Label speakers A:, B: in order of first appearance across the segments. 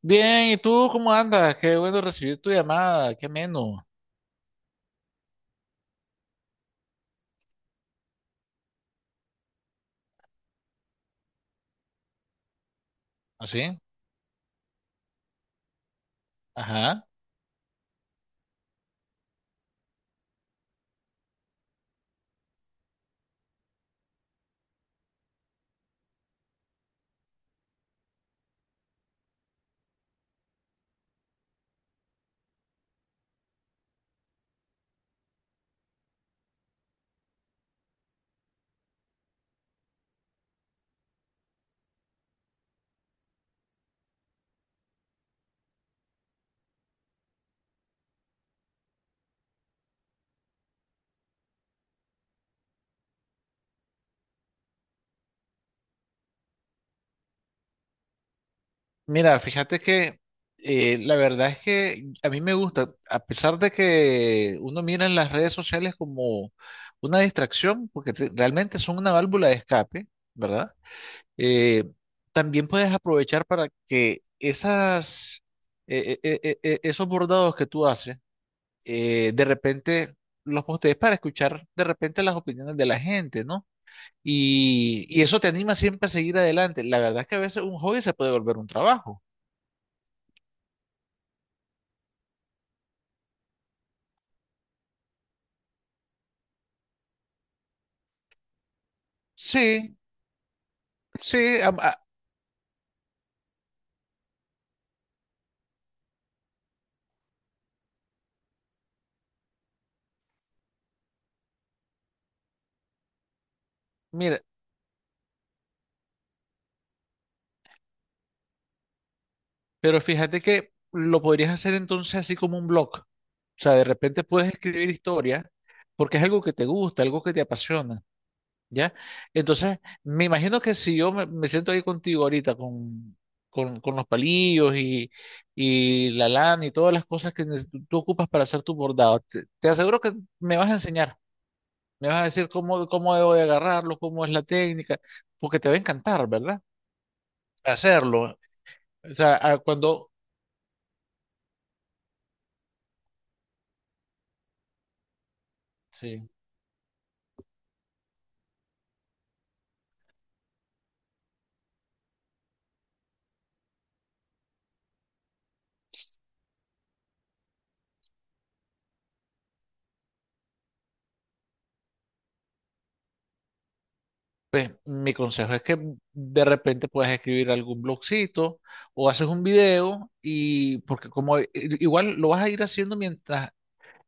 A: Bien, ¿y tú cómo andas? Qué bueno recibir tu llamada, qué ameno. ¿Así? Ajá. Mira, fíjate que la verdad es que a mí me gusta, a pesar de que uno mira en las redes sociales como una distracción, porque realmente son una válvula de escape, ¿verdad? Eh, También puedes aprovechar para que esas, esos bordados que tú haces, de repente los postees para escuchar de repente las opiniones de la gente, ¿no? Y eso te anima siempre a seguir adelante. La verdad es que a veces un hobby se puede volver un trabajo. Sí, sí, mira, pero fíjate que lo podrías hacer entonces así como un blog. O sea, de repente puedes escribir historia porque es algo que te gusta, algo que te apasiona, ¿ya? Entonces, me imagino que si yo me siento ahí contigo ahorita con los palillos y la lana y todas las cosas que tú ocupas para hacer tu bordado, te aseguro que me vas a enseñar. Me vas a decir cómo, cómo debo de agarrarlo, cómo es la técnica, porque te va a encantar, ¿verdad? Hacerlo. O sea, cuando, sí, pues mi consejo es que de repente puedas escribir algún blogcito o haces un video y porque como igual lo vas a ir haciendo mientras,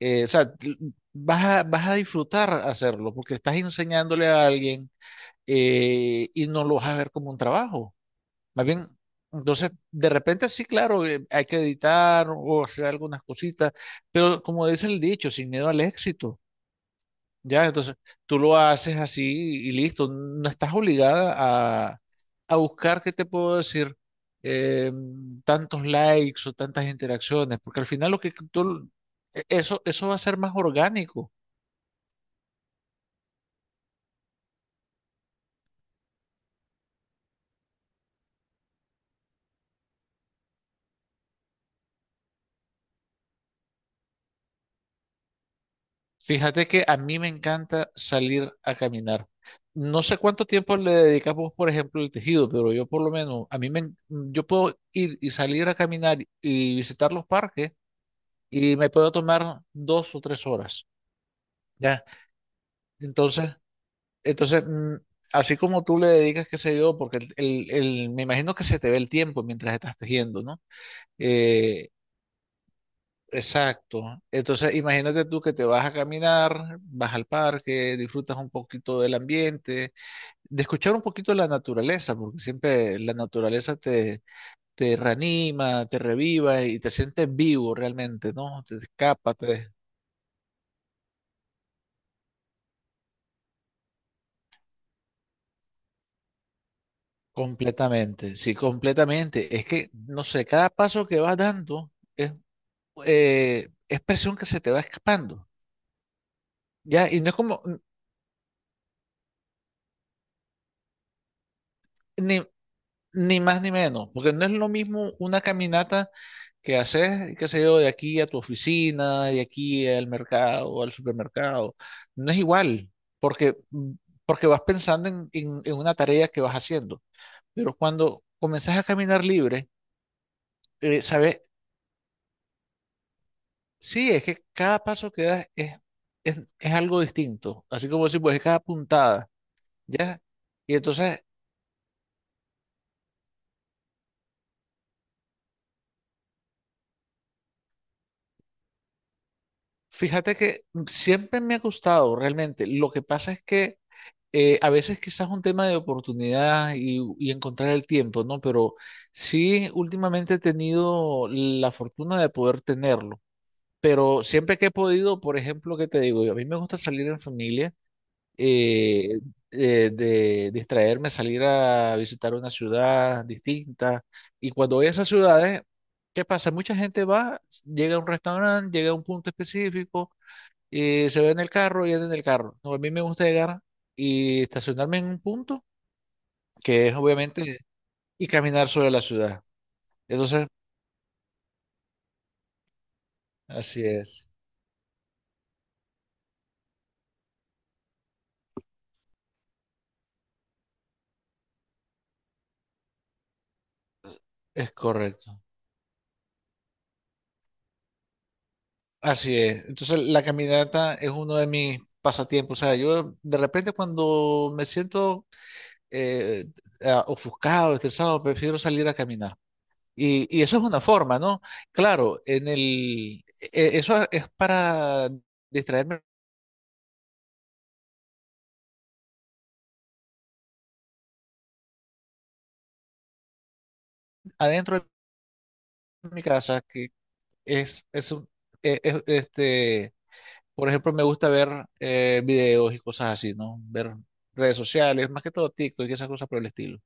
A: o sea, vas a disfrutar hacerlo porque estás enseñándole a alguien, y no lo vas a ver como un trabajo. Más bien, entonces, de repente sí, claro, hay que editar o hacer algunas cositas, pero como dice el dicho, sin miedo al éxito, ¿ya? Entonces, tú lo haces así y listo, no estás obligada a buscar, ¿qué te puedo decir? Eh, Tantos likes o tantas interacciones, porque al final lo que eso, eso va a ser más orgánico. Fíjate que a mí me encanta salir a caminar. No sé cuánto tiempo le dedicamos, por ejemplo, al tejido, pero yo por lo menos, a yo puedo ir y salir a caminar y visitar los parques y me puedo tomar dos o tres horas, ¿ya? Entonces, entonces, así como tú le dedicas, qué sé yo, porque me imagino que se te ve el tiempo mientras estás tejiendo, ¿no? Eh, Exacto. Entonces, imagínate tú que te vas a caminar, vas al parque, disfrutas un poquito del ambiente, de escuchar un poquito la naturaleza, porque siempre la naturaleza te reanima, te reviva y te sientes vivo realmente, ¿no? Te escapas completamente, sí, completamente. Es que, no sé, cada paso que vas dando es, es presión que se te va escapando, ¿ya? Y no es como, ni, ni más ni menos, porque no es lo mismo una caminata que haces, qué sé yo, de aquí a tu oficina, de aquí al mercado, al supermercado. No es igual, porque, porque vas pensando en una tarea que vas haciendo. Pero cuando comenzás a caminar libre, eh, sabes, sí, es que cada paso que das es algo distinto. Así como decir, pues es cada puntada, ¿ya? Y entonces, fíjate que siempre me ha gustado realmente. Lo que pasa es que a veces quizás un tema de oportunidad y encontrar el tiempo, ¿no? Pero sí, últimamente he tenido la fortuna de poder tenerlo. Pero siempre que he podido, por ejemplo, ¿qué te digo? A mí me gusta salir en familia, eh, de distraerme, salir a visitar una ciudad distinta. Y cuando voy a esas ciudades, ¿qué pasa? Mucha gente va, llega a un restaurante, llega a un punto específico y se ve en el carro y anda en el carro. No, a mí me gusta llegar y estacionarme en un punto que es obviamente y caminar sobre la ciudad. Entonces, así es correcto. Así es. Entonces, la caminata es uno de mis pasatiempos. O sea, yo de repente cuando me siento eh, ofuscado, estresado, prefiero salir a caminar. Y eso es una forma, ¿no? Claro, en eso es para distraerme adentro de mi casa, que es, un- e- e- este, por ejemplo, me gusta ver videos y cosas así, ¿no? Ver redes sociales, más que todo TikTok y esas cosas por el estilo.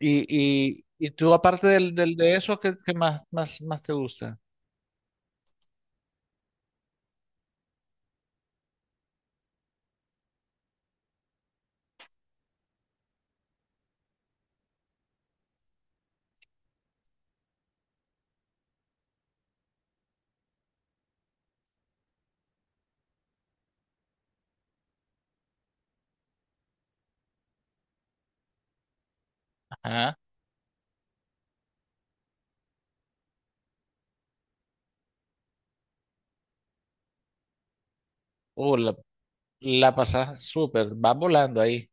A: Y, y tú, aparte de eso, qué más, más, más te gusta? Ajá. Oh, la pasás súper, vas volando ahí.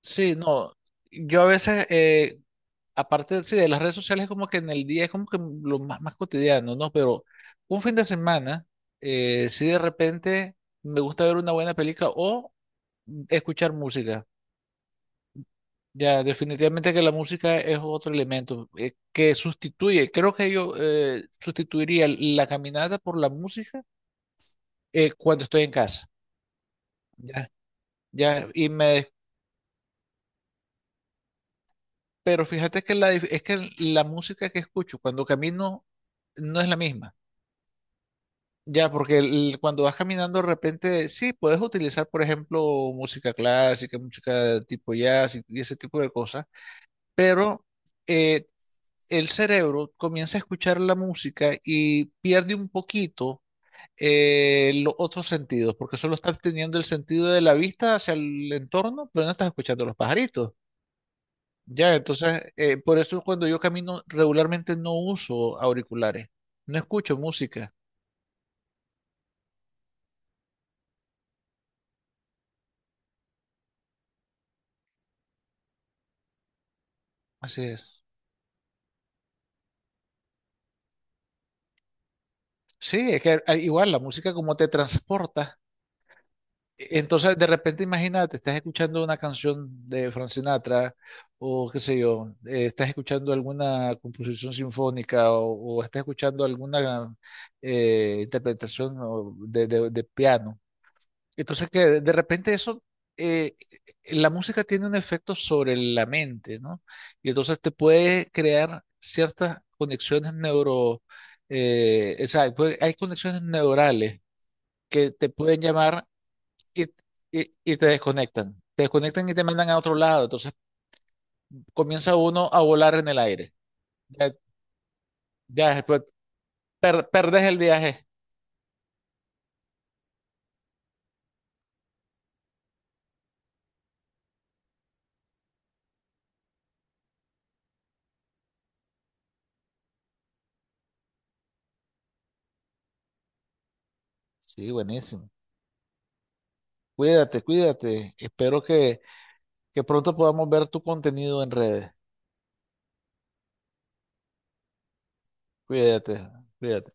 A: Sí, no. Yo a veces, aparte, sí, de las redes sociales, como que en el día es como que lo más, más cotidiano, ¿no? Pero un fin de semana, si de repente me gusta ver una buena película o escuchar música. Ya, definitivamente que la música es otro elemento que sustituye, creo que yo sustituiría la caminata por la música cuando estoy en casa. Ya, ya, y pero fíjate que es que la música que escucho cuando camino no es la misma. Ya, porque cuando vas caminando de repente, sí, puedes utilizar, por ejemplo, música clásica, música tipo jazz y ese tipo de cosas, pero eh, el cerebro comienza a escuchar la música y pierde un poquito, los otros sentidos, porque solo estás teniendo el sentido de la vista hacia el entorno, pero no estás escuchando los pajaritos. Ya, entonces, por eso cuando yo camino regularmente no uso auriculares, no escucho música. Así es. Sí, es que igual la música como te transporta. Entonces, de repente, imagínate, estás escuchando una canción de Frank Sinatra o qué sé yo, estás escuchando alguna composición sinfónica o estás escuchando alguna interpretación de piano. Entonces que de repente eso, eh, la música tiene un efecto sobre la mente, ¿no? Y entonces te puede crear ciertas conexiones neuro, o sea, hay conexiones neurales que te pueden llamar y, y te desconectan. Te desconectan y te mandan a otro lado. Entonces comienza uno a volar en el aire. Ya, ya después perdes el viaje. Sí, buenísimo. Cuídate, cuídate. Espero que pronto podamos ver tu contenido en redes. Cuídate, cuídate.